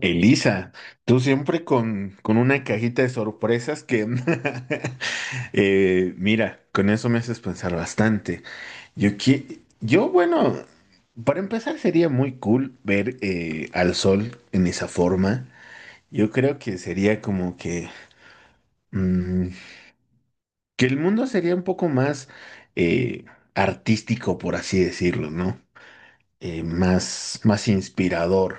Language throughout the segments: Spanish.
Elisa, tú siempre con una cajita de sorpresas que… mira, con eso me haces pensar bastante. Yo, bueno, para empezar sería muy cool ver al sol en esa forma. Yo creo que sería como que… mm, que el mundo sería un poco más eh, artístico, por así decirlo, ¿no? Más inspirador,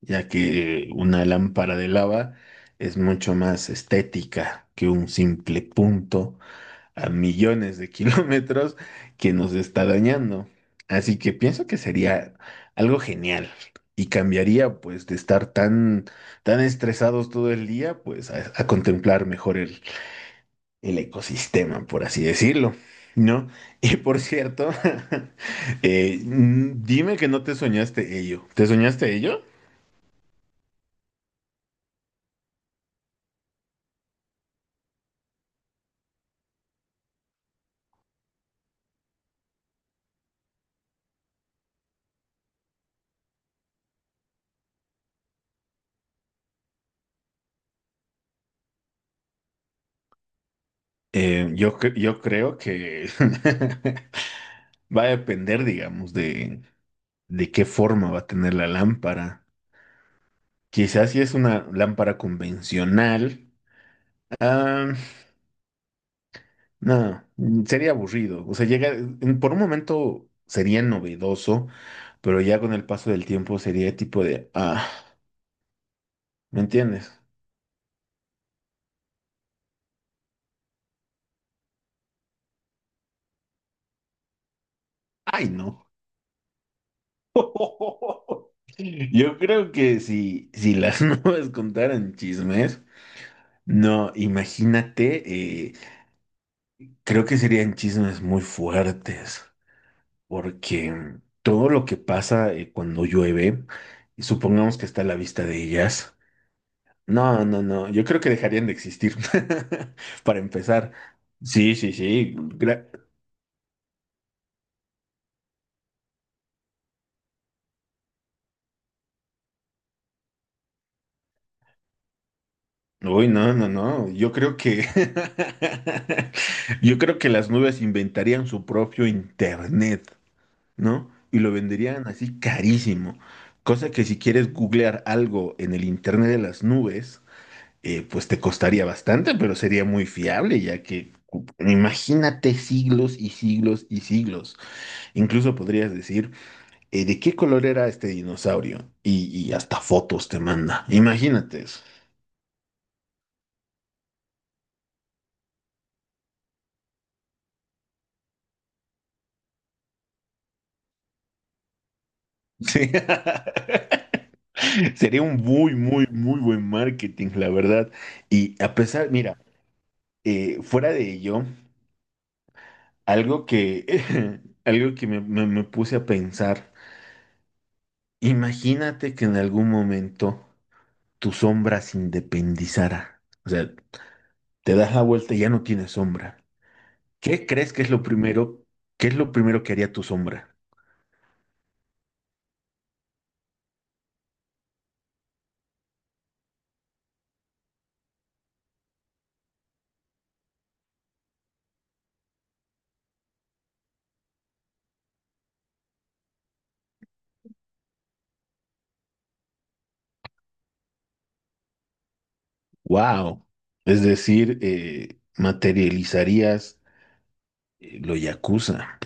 ya que una lámpara de lava es mucho más estética que un simple punto a millones de kilómetros que nos está dañando. Así que pienso que sería algo genial y cambiaría pues de estar tan estresados todo el día pues a contemplar mejor el ecosistema, por así decirlo, ¿no? Y por cierto, dime que no te soñaste ello. ¿Te soñaste ello? Yo creo que va a depender, digamos, de qué forma va a tener la lámpara. Quizás si es una lámpara convencional, ah, no, sería aburrido. O sea, por un momento sería novedoso, pero ya con el paso del tiempo sería tipo de, ah, ¿me entiendes? Ay, no. Yo creo que si las nubes contaran chismes, no, imagínate, creo que serían chismes muy fuertes, porque todo lo que pasa cuando llueve, y supongamos que está a la vista de ellas, no, no, no, yo creo que dejarían de existir, para empezar. Sí, sí, sí, gra- Uy, no, no, no. Yo creo que yo creo que las nubes inventarían su propio internet, ¿no? Y lo venderían así carísimo. Cosa que si quieres googlear algo en el internet de las nubes, pues te costaría bastante, pero sería muy fiable, ya que cu- imagínate siglos y siglos y siglos. Incluso podrías decir, ¿de qué color era este dinosaurio? Y hasta fotos te manda. Imagínate eso. Sí. Sería un muy, muy, muy buen marketing, la verdad. Y a pesar, mira, fuera de ello, algo que, algo que me puse a pensar, imagínate que en algún momento tu sombra se independizara. O sea, te das la vuelta y ya no tienes sombra. ¿Qué crees que es lo primero? ¿Qué es lo primero que haría tu sombra? ¡Wow! Es decir, materializarías lo yakuza.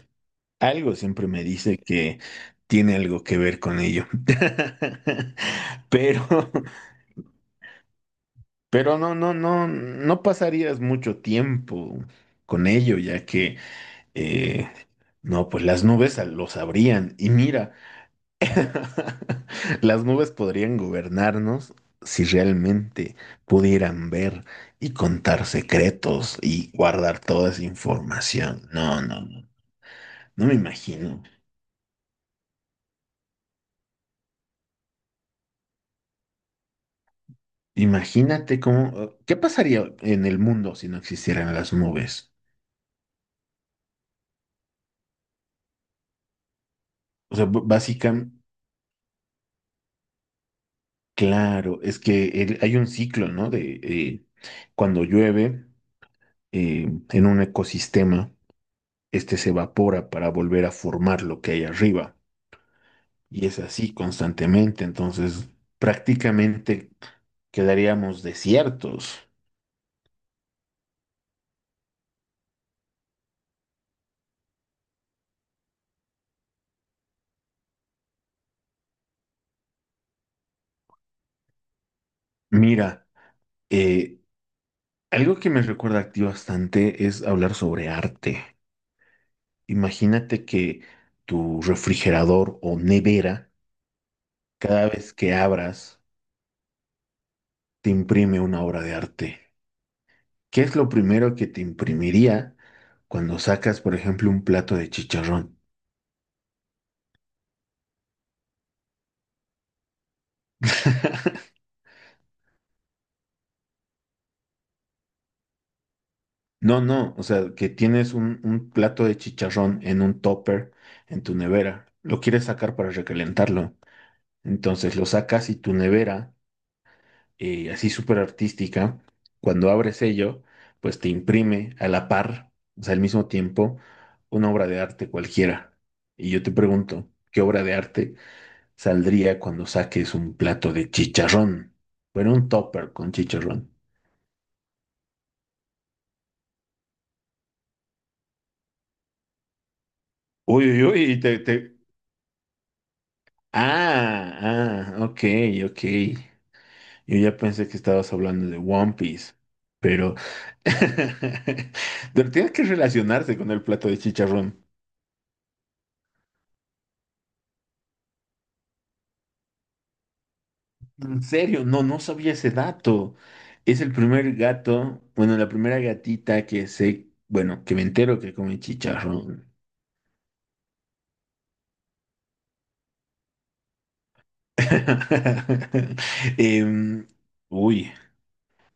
Algo siempre me dice que tiene algo que ver con ello. Pero, pero no, no, no, no pasarías mucho tiempo con ello, ya que eh, no, pues las nubes a- lo sabrían. Y mira, las nubes podrían gobernarnos si realmente pudieran ver y contar secretos y guardar toda esa información. No, no, no. No me imagino. Imagínate cómo, ¿qué pasaría en el mundo si no existieran las nubes? O sea, b- básicamente, claro, es que el- hay un ciclo, ¿no? De cuando llueve en un ecosistema, este se evapora para volver a formar lo que hay arriba. Y es así constantemente. Entonces, prácticamente quedaríamos desiertos. Mira, eh, algo que me recuerda a ti bastante es hablar sobre arte. Imagínate que tu refrigerador o nevera, cada vez que abras, te imprime una obra de arte. ¿Qué es lo primero que te imprimiría cuando sacas, por ejemplo, un plato de chicharrón? No, no, o sea, que tienes un plato de chicharrón en un topper en tu nevera. Lo quieres sacar para recalentarlo. Entonces lo sacas y tu nevera así súper artística, cuando abres ello, pues te imprime a la par, o sea, al mismo tiempo, una obra de arte cualquiera. Y yo te pregunto, ¿qué obra de arte saldría cuando saques un plato de chicharrón? Bueno, un topper con chicharrón. Uy, uy, uy, ok, ok. Yo ya pensé que estabas hablando de One Piece, pero… pero tienes que relacionarse con el plato de chicharrón. En serio, no, no sabía ese dato. Es el primer gato, bueno, la primera gatita que sé, bueno, que me entero que come chicharrón. Em, uy,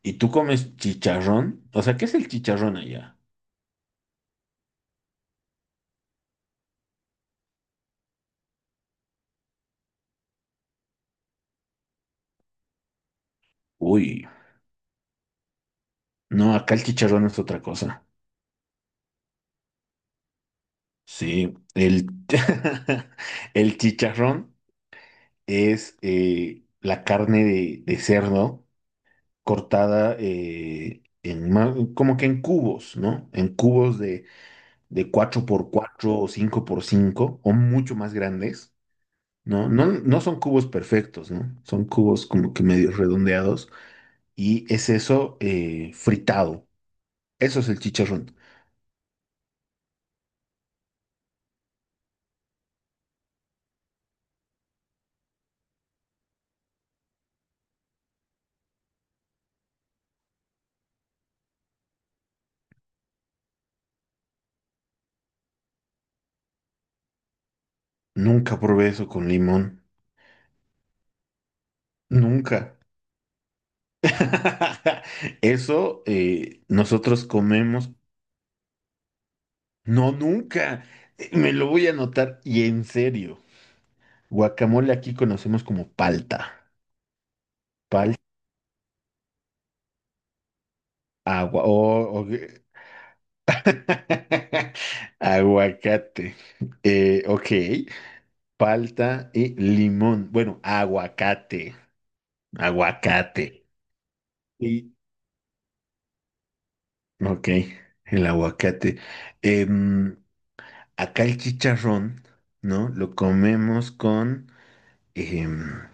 ¿y tú comes chicharrón? O sea, ¿qué es el chicharrón allá? Uy, no, acá el chicharrón es otra cosa. Sí, el, el chicharrón es la carne de cerdo cortada como que en cubos, ¿no? En cubos de cuatro por cuatro o cinco por cinco o mucho más grandes, ¿no? No, no son cubos perfectos, ¿no? Son cubos como que medio redondeados y es eso fritado. Eso es el chicharrón. Nunca probé eso con limón. Nunca. Eso nosotros comemos. No, nunca. Me lo voy a anotar y en serio. Guacamole aquí conocemos como palta. Palta, agua, o, o- aguacate. Ok, palta y limón. Bueno, aguacate, aguacate. Y, ok, el aguacate. Em, acá el chicharrón, ¿no? Lo comemos con em,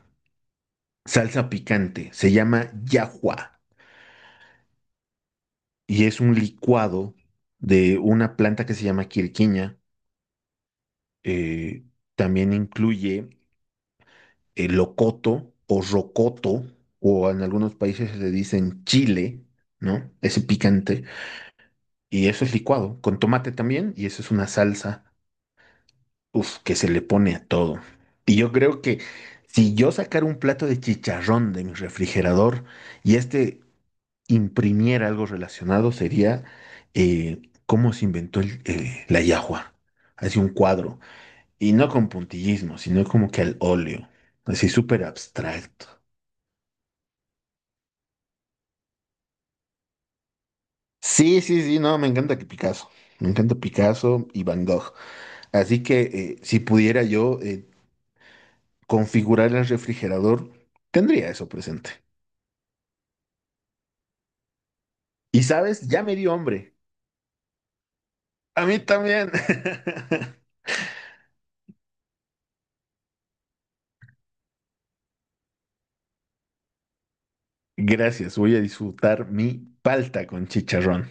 salsa picante. Se llama yahua y es un licuado de una planta que se llama quirquiña eh, también incluye el locoto o rocoto, o en algunos países se le dicen chile, ¿no? Ese picante. Y eso es licuado, con tomate también, y eso es una salsa, uf, que se le pone a todo. Y yo creo que si yo sacara un plato de chicharrón de mi refrigerador y este imprimiera algo relacionado, sería eh, cómo se inventó la yahua. Así un cuadro. Y no con puntillismo, sino como que al óleo, así súper abstracto. Sí, sí, sí, no, me encanta que Picasso, me encanta Picasso y Van Gogh. Así que si pudiera yo configurar el refrigerador, tendría eso presente. Y sabes, ya me dio hambre. A mí también. Gracias, voy a disfrutar mi palta con chicharrón.